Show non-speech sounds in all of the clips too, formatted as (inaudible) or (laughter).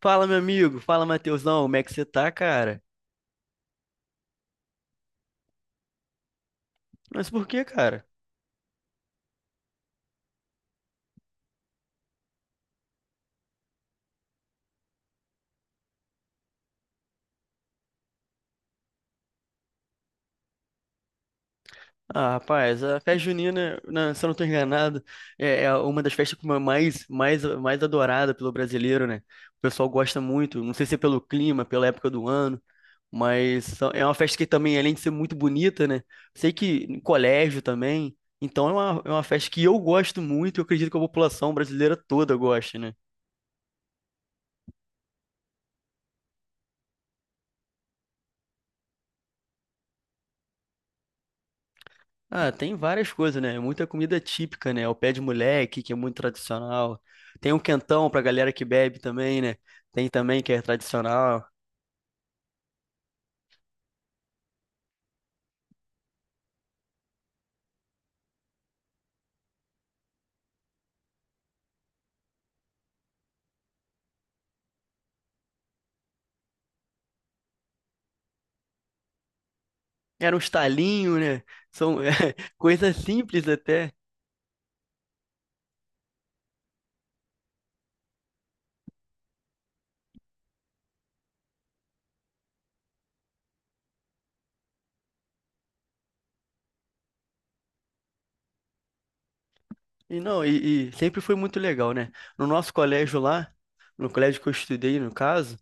Fala, meu amigo. Fala, Matheusão. Como é que você tá, cara? Mas por que, cara? Ah, rapaz, a festa junina, né, se eu não tô enganado, é uma das festas como é mais, mais, mais adorada pelo brasileiro, né? O pessoal gosta muito, não sei se é pelo clima, pela época do ano, mas é uma festa que também, além de ser muito bonita, né? Sei que em colégio também, então é uma festa que eu gosto muito e eu acredito que a população brasileira toda gosta, né? Ah, tem várias coisas, né? Muita comida típica, né? O pé de moleque, que é muito tradicional. Tem o quentão pra galera que bebe também, né? Tem também que é tradicional. Era um estalinho, né? São (laughs) é, coisas simples até. E não, e sempre foi muito legal, né? No nosso colégio lá, no colégio que eu estudei, no caso,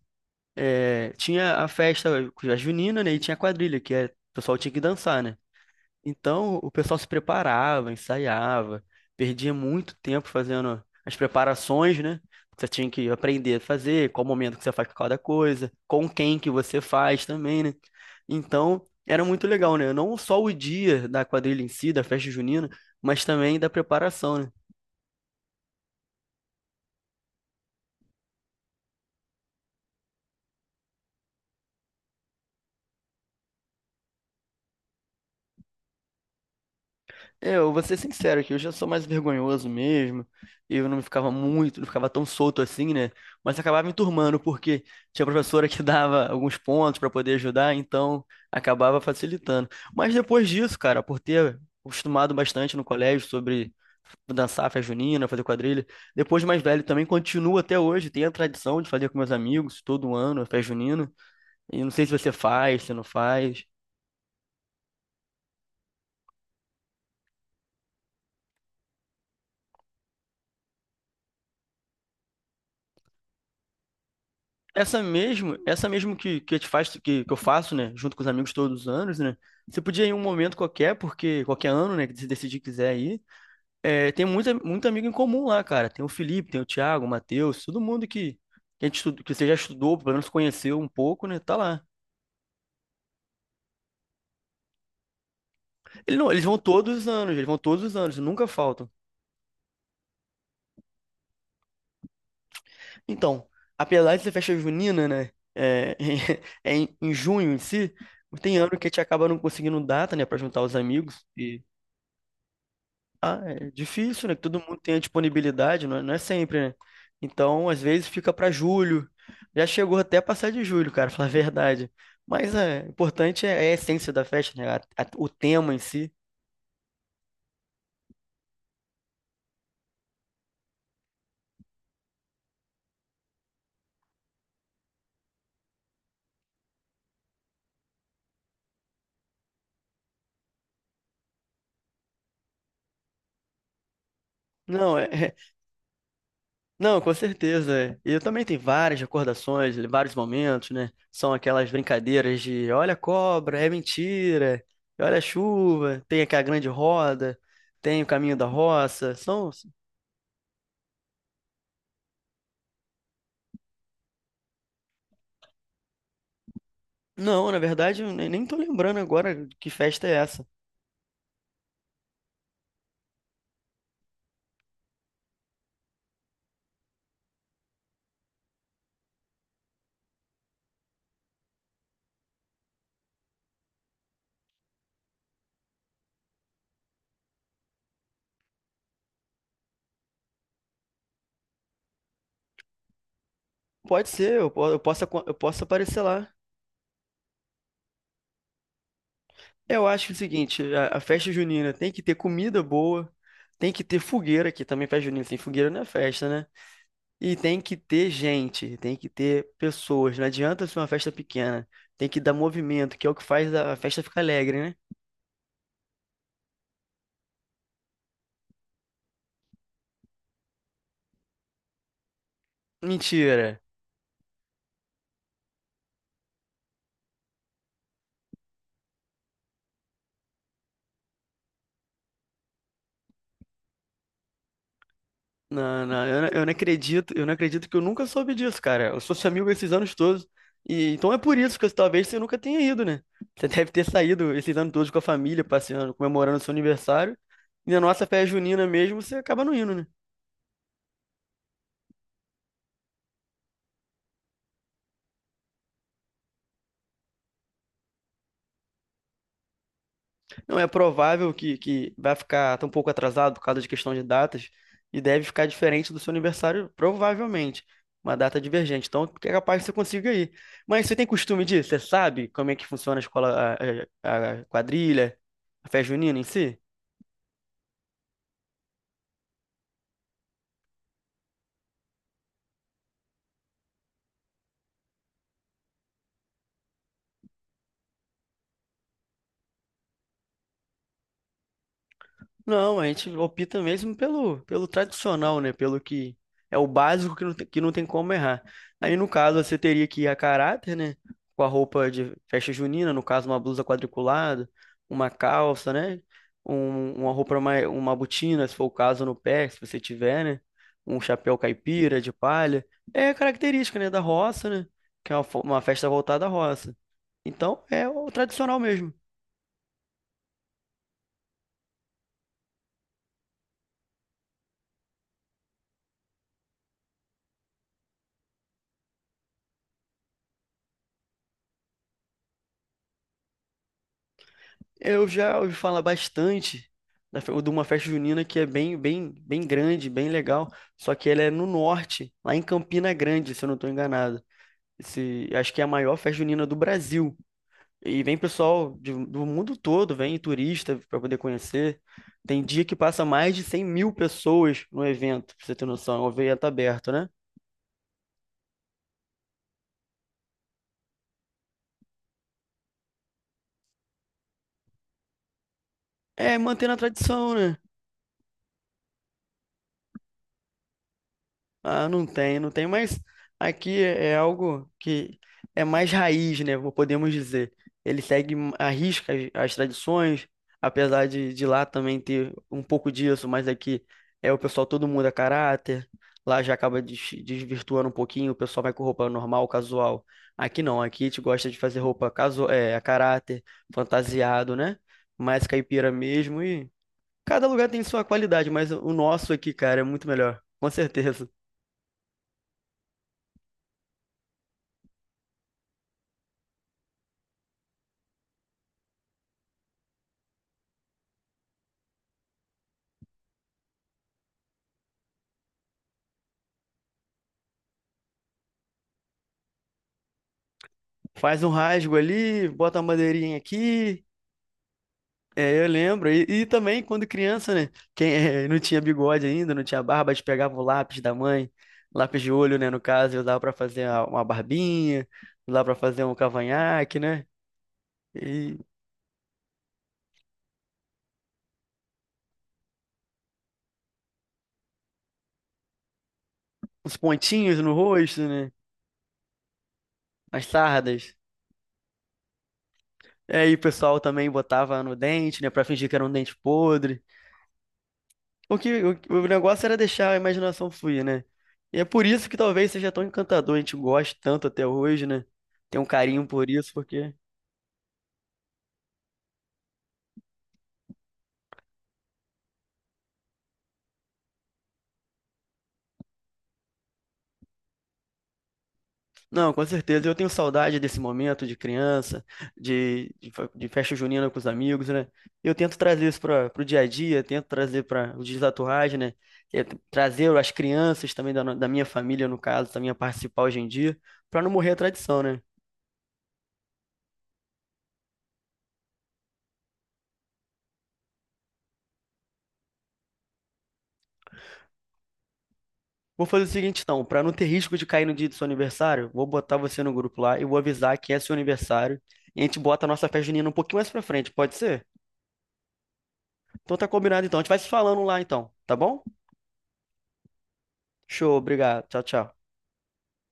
tinha a festa, a junina, né? E tinha a quadrilha, que é, o pessoal tinha que dançar, né? Então, o pessoal se preparava, ensaiava, perdia muito tempo fazendo as preparações, né? Você tinha que aprender a fazer, qual momento que você faz cada coisa, com quem que você faz também, né? Então, era muito legal, né? Não só o dia da quadrilha em si, da festa junina, mas também da preparação, né? Eu vou ser sincero aqui, eu já sou mais vergonhoso mesmo. Eu não ficava muito, não ficava tão solto assim, né? Mas acabava me turmando, porque tinha professora que (laughs) dava alguns pontos para poder ajudar, então acabava facilitando. Mas depois disso, cara, por ter acostumado bastante no colégio sobre dançar festa junina, fazer quadrilha, depois de mais velho também continuo até hoje, tenho a tradição de fazer com meus amigos todo ano, a festa junina. E não sei se você faz, se não faz. Essa mesmo te faz, que eu faço, né, junto com os amigos todos os anos, né, você podia ir em um momento qualquer, porque qualquer ano, né, que você decidir que quiser ir, tem muita, muito amigo em comum lá, cara, tem o Felipe, tem o Thiago, o Matheus, todo mundo que que você já estudou, pelo menos conheceu um pouco, né, tá lá. Ele não, eles vão todos os anos, eles vão todos os anos, nunca faltam. Então, apesar de ser festa junina, né, é, (laughs) é em junho em si, tem ano que a gente acaba não conseguindo data, né, pra juntar os amigos. Ah, é difícil, né? Que todo mundo tem a disponibilidade, não é, não é sempre, né? Então, às vezes fica para julho. Já chegou até a passar de julho, cara, falar a verdade. Mas o importante é a essência da festa, né? O tema em si. Não, não, com certeza. É. E eu também tenho várias recordações, vários momentos, né? São aquelas brincadeiras de olha a cobra, é mentira, olha a chuva, tem aquela grande roda, tem o caminho da roça. São. Não, na verdade, eu nem tô lembrando agora que festa é essa. Pode ser, eu, po- eu posso, aco- eu posso aparecer lá. Eu acho o seguinte, a festa junina tem que ter comida boa, tem que ter fogueira, que também festa junina sem fogueira não é festa, né? E tem que ter gente, tem que ter pessoas. Não adianta ser uma festa pequena. Tem que dar movimento, que é o que faz a festa ficar alegre, né? Mentira. Não, não, eu não, eu não acredito que eu nunca soube disso, cara. Eu sou seu amigo esses anos todos. E então é por isso que talvez você nunca tenha ido, né? Você deve ter saído esses anos todos com a família, passeando, comemorando seu aniversário. E na nossa festa junina mesmo, você acaba não indo, né? Não é provável que vai ficar tão pouco atrasado por causa de questão de datas e deve ficar diferente do seu aniversário, provavelmente. Uma data divergente. Então, é capaz que você consiga ir. Mas você tem costume disso? Você sabe como é que funciona a escola, a quadrilha, a festa junina em si? Não, a gente opta mesmo pelo tradicional, né? Pelo que é o básico que não tem como errar. Aí, no caso, você teria que ir a caráter, né? Com a roupa de festa junina, no caso, uma blusa quadriculada, uma calça, né? Uma roupa mais, uma botina, se for o caso, no pé, se você tiver, né? Um chapéu caipira de palha. É característica, né? Da roça, né? Que é uma festa voltada à roça. Então, é o tradicional mesmo. Eu já ouvi falar bastante de uma festa junina que é bem, bem, bem grande, bem legal. Só que ela é no norte, lá em Campina Grande, se eu não estou enganado. Esse, acho que é a maior festa junina do Brasil. E vem pessoal do mundo todo, vem turista para poder conhecer. Tem dia que passa mais de 100.000 pessoas no evento, pra você ter noção. É um evento aberto, né? É mantendo a tradição, né? Ah, não tem, não tem, mas aqui é algo que é mais raiz, né? Podemos dizer. Ele segue à risca as tradições, apesar de lá também ter um pouco disso, mas aqui é o pessoal todo mundo muda caráter. Lá já acaba desvirtuando um pouquinho, o pessoal vai com roupa normal, casual. Aqui não, aqui a gente gosta de fazer roupa a caráter, fantasiado, né? Mais caipira mesmo e cada lugar tem sua qualidade, mas o nosso aqui, cara, é muito melhor, com certeza. Faz um rasgo ali, bota uma madeirinha aqui. É, eu lembro. E também quando criança, né? Quem (laughs) não tinha bigode ainda, não tinha barba, a gente pegava o lápis da mãe, lápis de olho, né? No caso, eu usava pra fazer uma barbinha, usava pra fazer um cavanhaque, né? E uns pontinhos no rosto, né? As sardas. É. E aí o pessoal também botava no dente, né? Pra fingir que era um dente podre. O negócio era deixar a imaginação fluir, né? E é por isso que talvez seja tão encantador, a gente gosta tanto até hoje, né? Tem um carinho por isso, porque. Não, com certeza, eu tenho saudade desse momento de criança, de festa junina com os amigos, né? Eu tento trazer isso para o dia a dia, tento trazer para o Dias da Torragem, né? É, trazer as crianças também da minha família, no caso, também a participar hoje em dia, para não morrer a tradição, né? Vou fazer o seguinte, então, para não ter risco de cair no dia do seu aniversário, vou botar você no grupo lá e vou avisar que é seu aniversário. E a gente bota a nossa festa junina um pouquinho mais pra frente, pode ser? Então tá combinado então. A gente vai se falando lá então, tá bom? Show, obrigado. Tchau, tchau.